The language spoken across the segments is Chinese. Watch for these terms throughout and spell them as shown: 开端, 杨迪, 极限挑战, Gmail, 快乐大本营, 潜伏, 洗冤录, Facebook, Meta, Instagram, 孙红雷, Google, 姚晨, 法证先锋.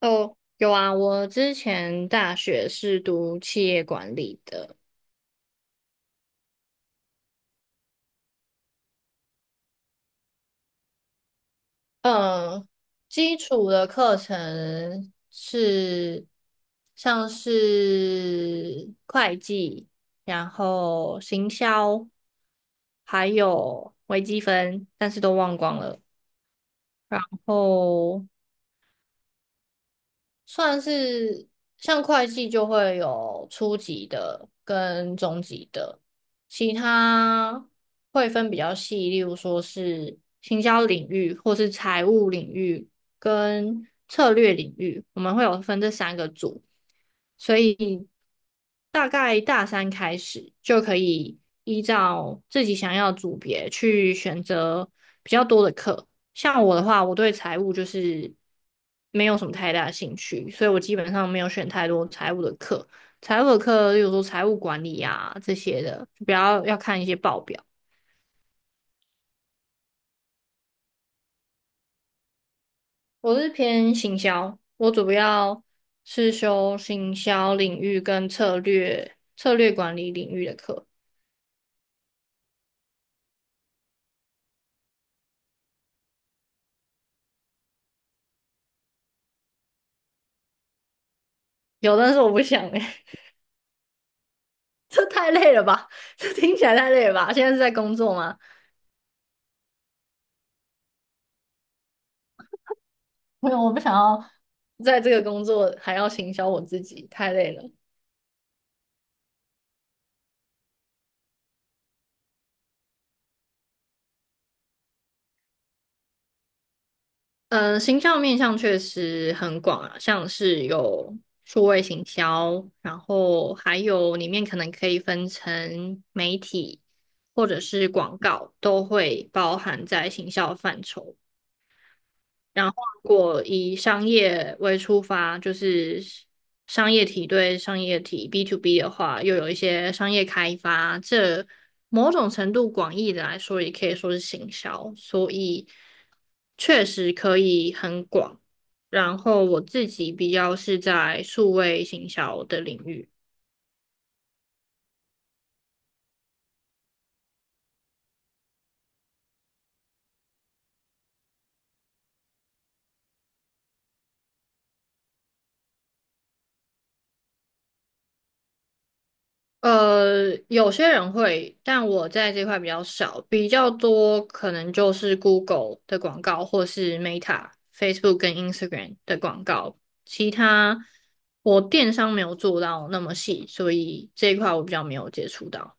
哦，有啊，我之前大学是读企业管理的，嗯，基础的课程是像是会计，然后行销，还有微积分，但是都忘光了。然后算是像会计就会有初级的跟中级的，其他会分比较细，例如说是行销领域或是财务领域跟策略领域，我们会有分这三个组，所以大概大三开始就可以依照自己想要的组别去选择比较多的课。像我的话，我对财务就是没有什么太大的兴趣，所以我基本上没有选太多财务的课。财务的课，例如说财务管理啊这些的，就比较要看一些报表。我是偏行销，我主要是修行销领域跟策略管理领域的课。有，但是我不想。这太累了吧？这听起来太累了吧？现在是在工作吗？没有，我不想要在这个工作还要行销我自己，太累了。嗯，行销面向确实很广啊，像是有数位行销，然后还有里面可能可以分成媒体或者是广告，都会包含在行销范畴。然后，如果以商业为出发，就是商业体对商业体 B to B 的话，又有一些商业开发，这某种程度广义的来说，也可以说是行销，所以确实可以很广。然后我自己比较是在数位行销的领域。有些人会，但我在这块比较少，比较多可能就是 Google 的广告，或是 Meta、Facebook 跟 Instagram 的广告。其他我电商没有做到那么细，所以这一块我比较没有接触到。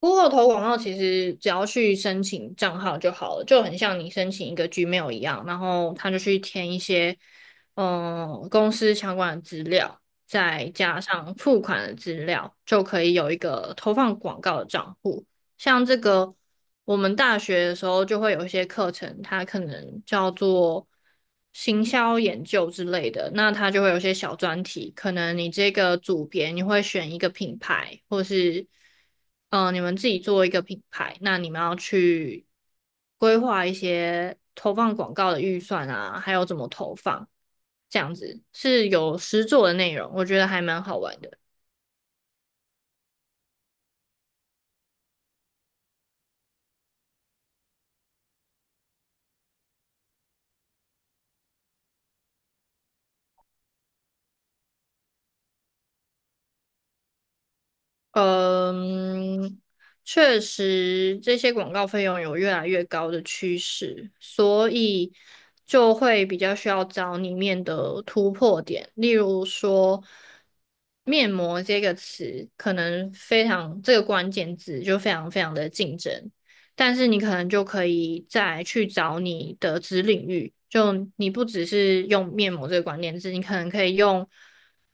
不过投广告其实只要去申请账号就好了，就很像你申请一个 Gmail 一样，然后他就去填一些公司相关的资料，再加上付款的资料，就可以有一个投放广告的账户。像这个，我们大学的时候就会有一些课程，它可能叫做行销研究之类的，那它就会有一些小专题，可能你这个组别你会选一个品牌，或是你们自己做一个品牌，那你们要去规划一些投放广告的预算啊，还有怎么投放，这样子是有实作的内容，我觉得还蛮好玩的。嗯，确实，这些广告费用有越来越高的趋势，所以就会比较需要找里面的突破点。例如说，面膜这个词，可能非常这个关键字就非常非常的竞争，但是你可能就可以再去找你的子领域，就你不只是用面膜这个关键字，你可能可以用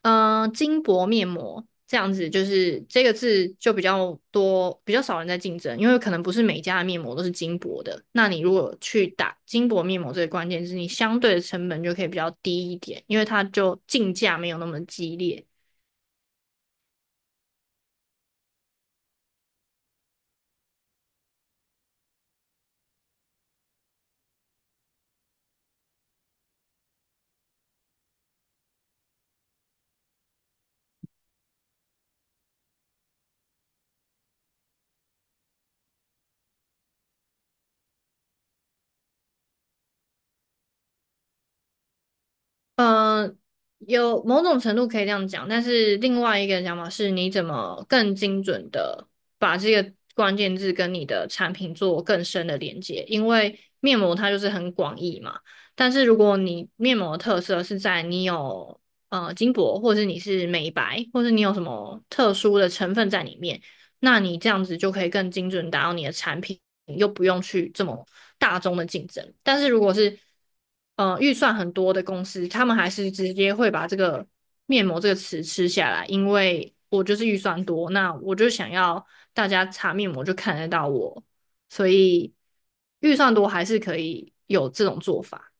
金箔面膜这样子，就是这个字就比较多，比较少人在竞争，因为可能不是每家的面膜都是金箔的。那你如果去打金箔面膜这个关键字，你相对的成本就可以比较低一点，因为它就竞价没有那么激烈。嗯，有某种程度可以这样讲，但是另外一个讲法是，你怎么更精准的把这个关键字跟你的产品做更深的连接？因为面膜它就是很广义嘛，但是如果你面膜的特色是在你有金箔，或是你是美白，或是你有什么特殊的成分在里面，那你这样子就可以更精准地达到你的产品。又不用去这么大众的竞争。但是如果是预算很多的公司，他们还是直接会把这个面膜这个词吃下来，因为我就是预算多，那我就想要大家擦面膜就看得到我，所以预算多还是可以有这种做法。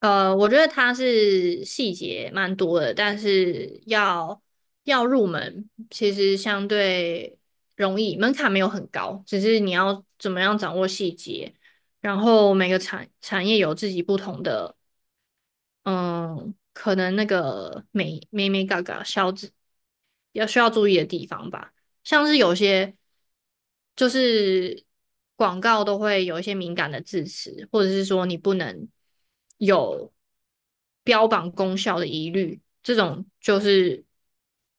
我觉得它是细节蛮多的，但是要入门，其实相对容易，门槛没有很高，只是你要怎么样掌握细节，然后每个产业有自己不同的嗯，可能那个美美美嘎嘎消脂要需要注意的地方吧，像是有些就是广告都会有一些敏感的字词，或者是说你不能有标榜功效的疑虑，这种就是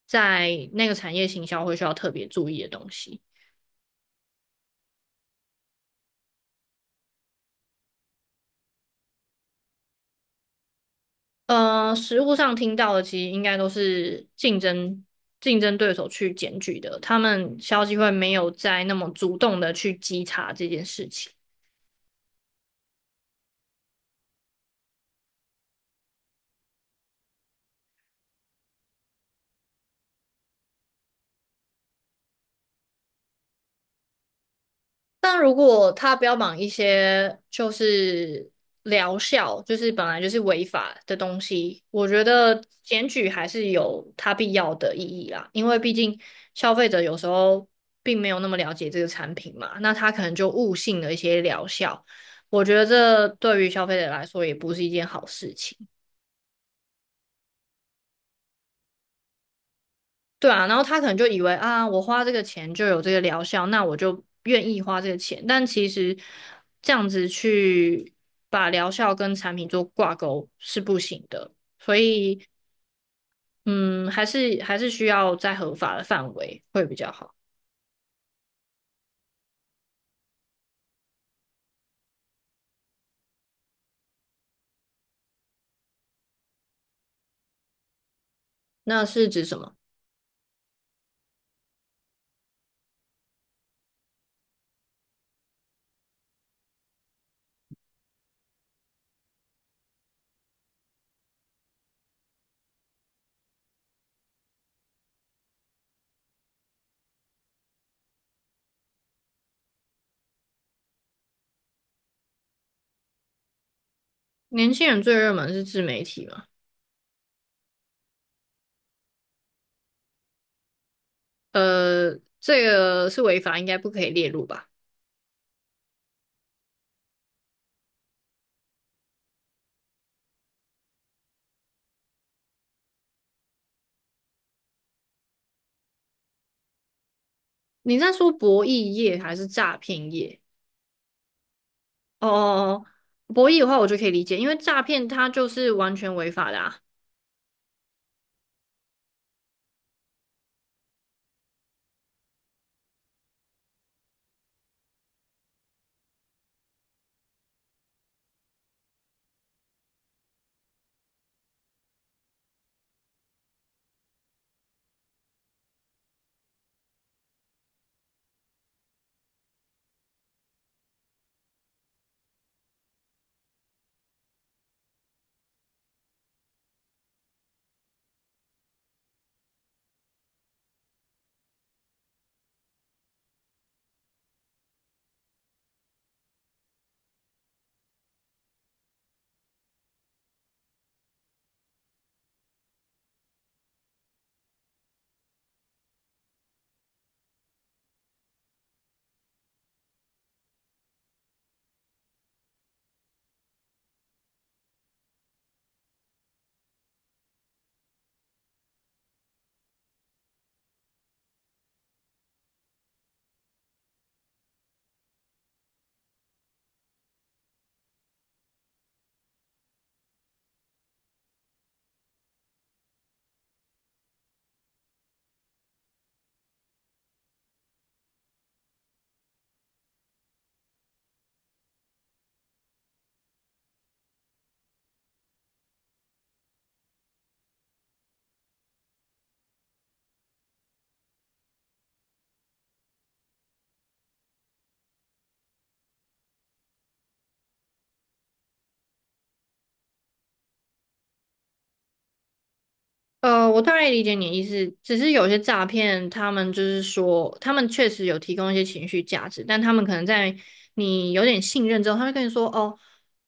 在那个产业行销会需要特别注意的东西。实务上听到的其实应该都是竞争对手去检举的，他们消基会没有在那么主动的去稽查这件事情。但如果他标榜一些就是疗效，就是本来就是违法的东西，我觉得检举还是有它必要的意义啦。因为毕竟消费者有时候并没有那么了解这个产品嘛，那他可能就误信了一些疗效。我觉得这对于消费者来说也不是一件好事情。对啊，然后他可能就以为啊，我花这个钱就有这个疗效，那我就愿意花这个钱。但其实这样子去把疗效跟产品做挂钩是不行的，所以嗯，还是需要在合法的范围会比较好。那是指什么？年轻人最热门是自媒体吗？这个是违法，应该不可以列入吧？你在说博弈业还是诈骗业？哦哦哦，哦博弈的话我就可以理解，因为诈骗它就是完全违法的啊。我大概理解你的意思，只是有些诈骗，他们就是说，他们确实有提供一些情绪价值，但他们可能在你有点信任之后，他会跟你说：“哦，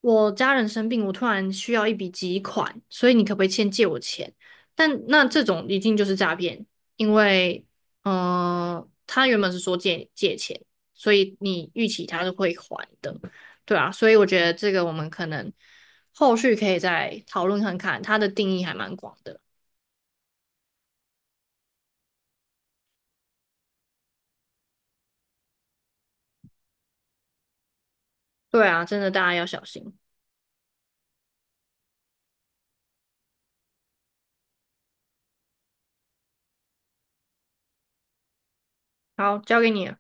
我家人生病，我突然需要一笔急款，所以你可不可以先借我钱？”但那这种一定就是诈骗，因为，他原本是说借钱，所以你预期他是会还的，对啊，所以我觉得这个我们可能后续可以再讨论看看，它的定义还蛮广的。对啊，真的大家要小心。好，交给你了。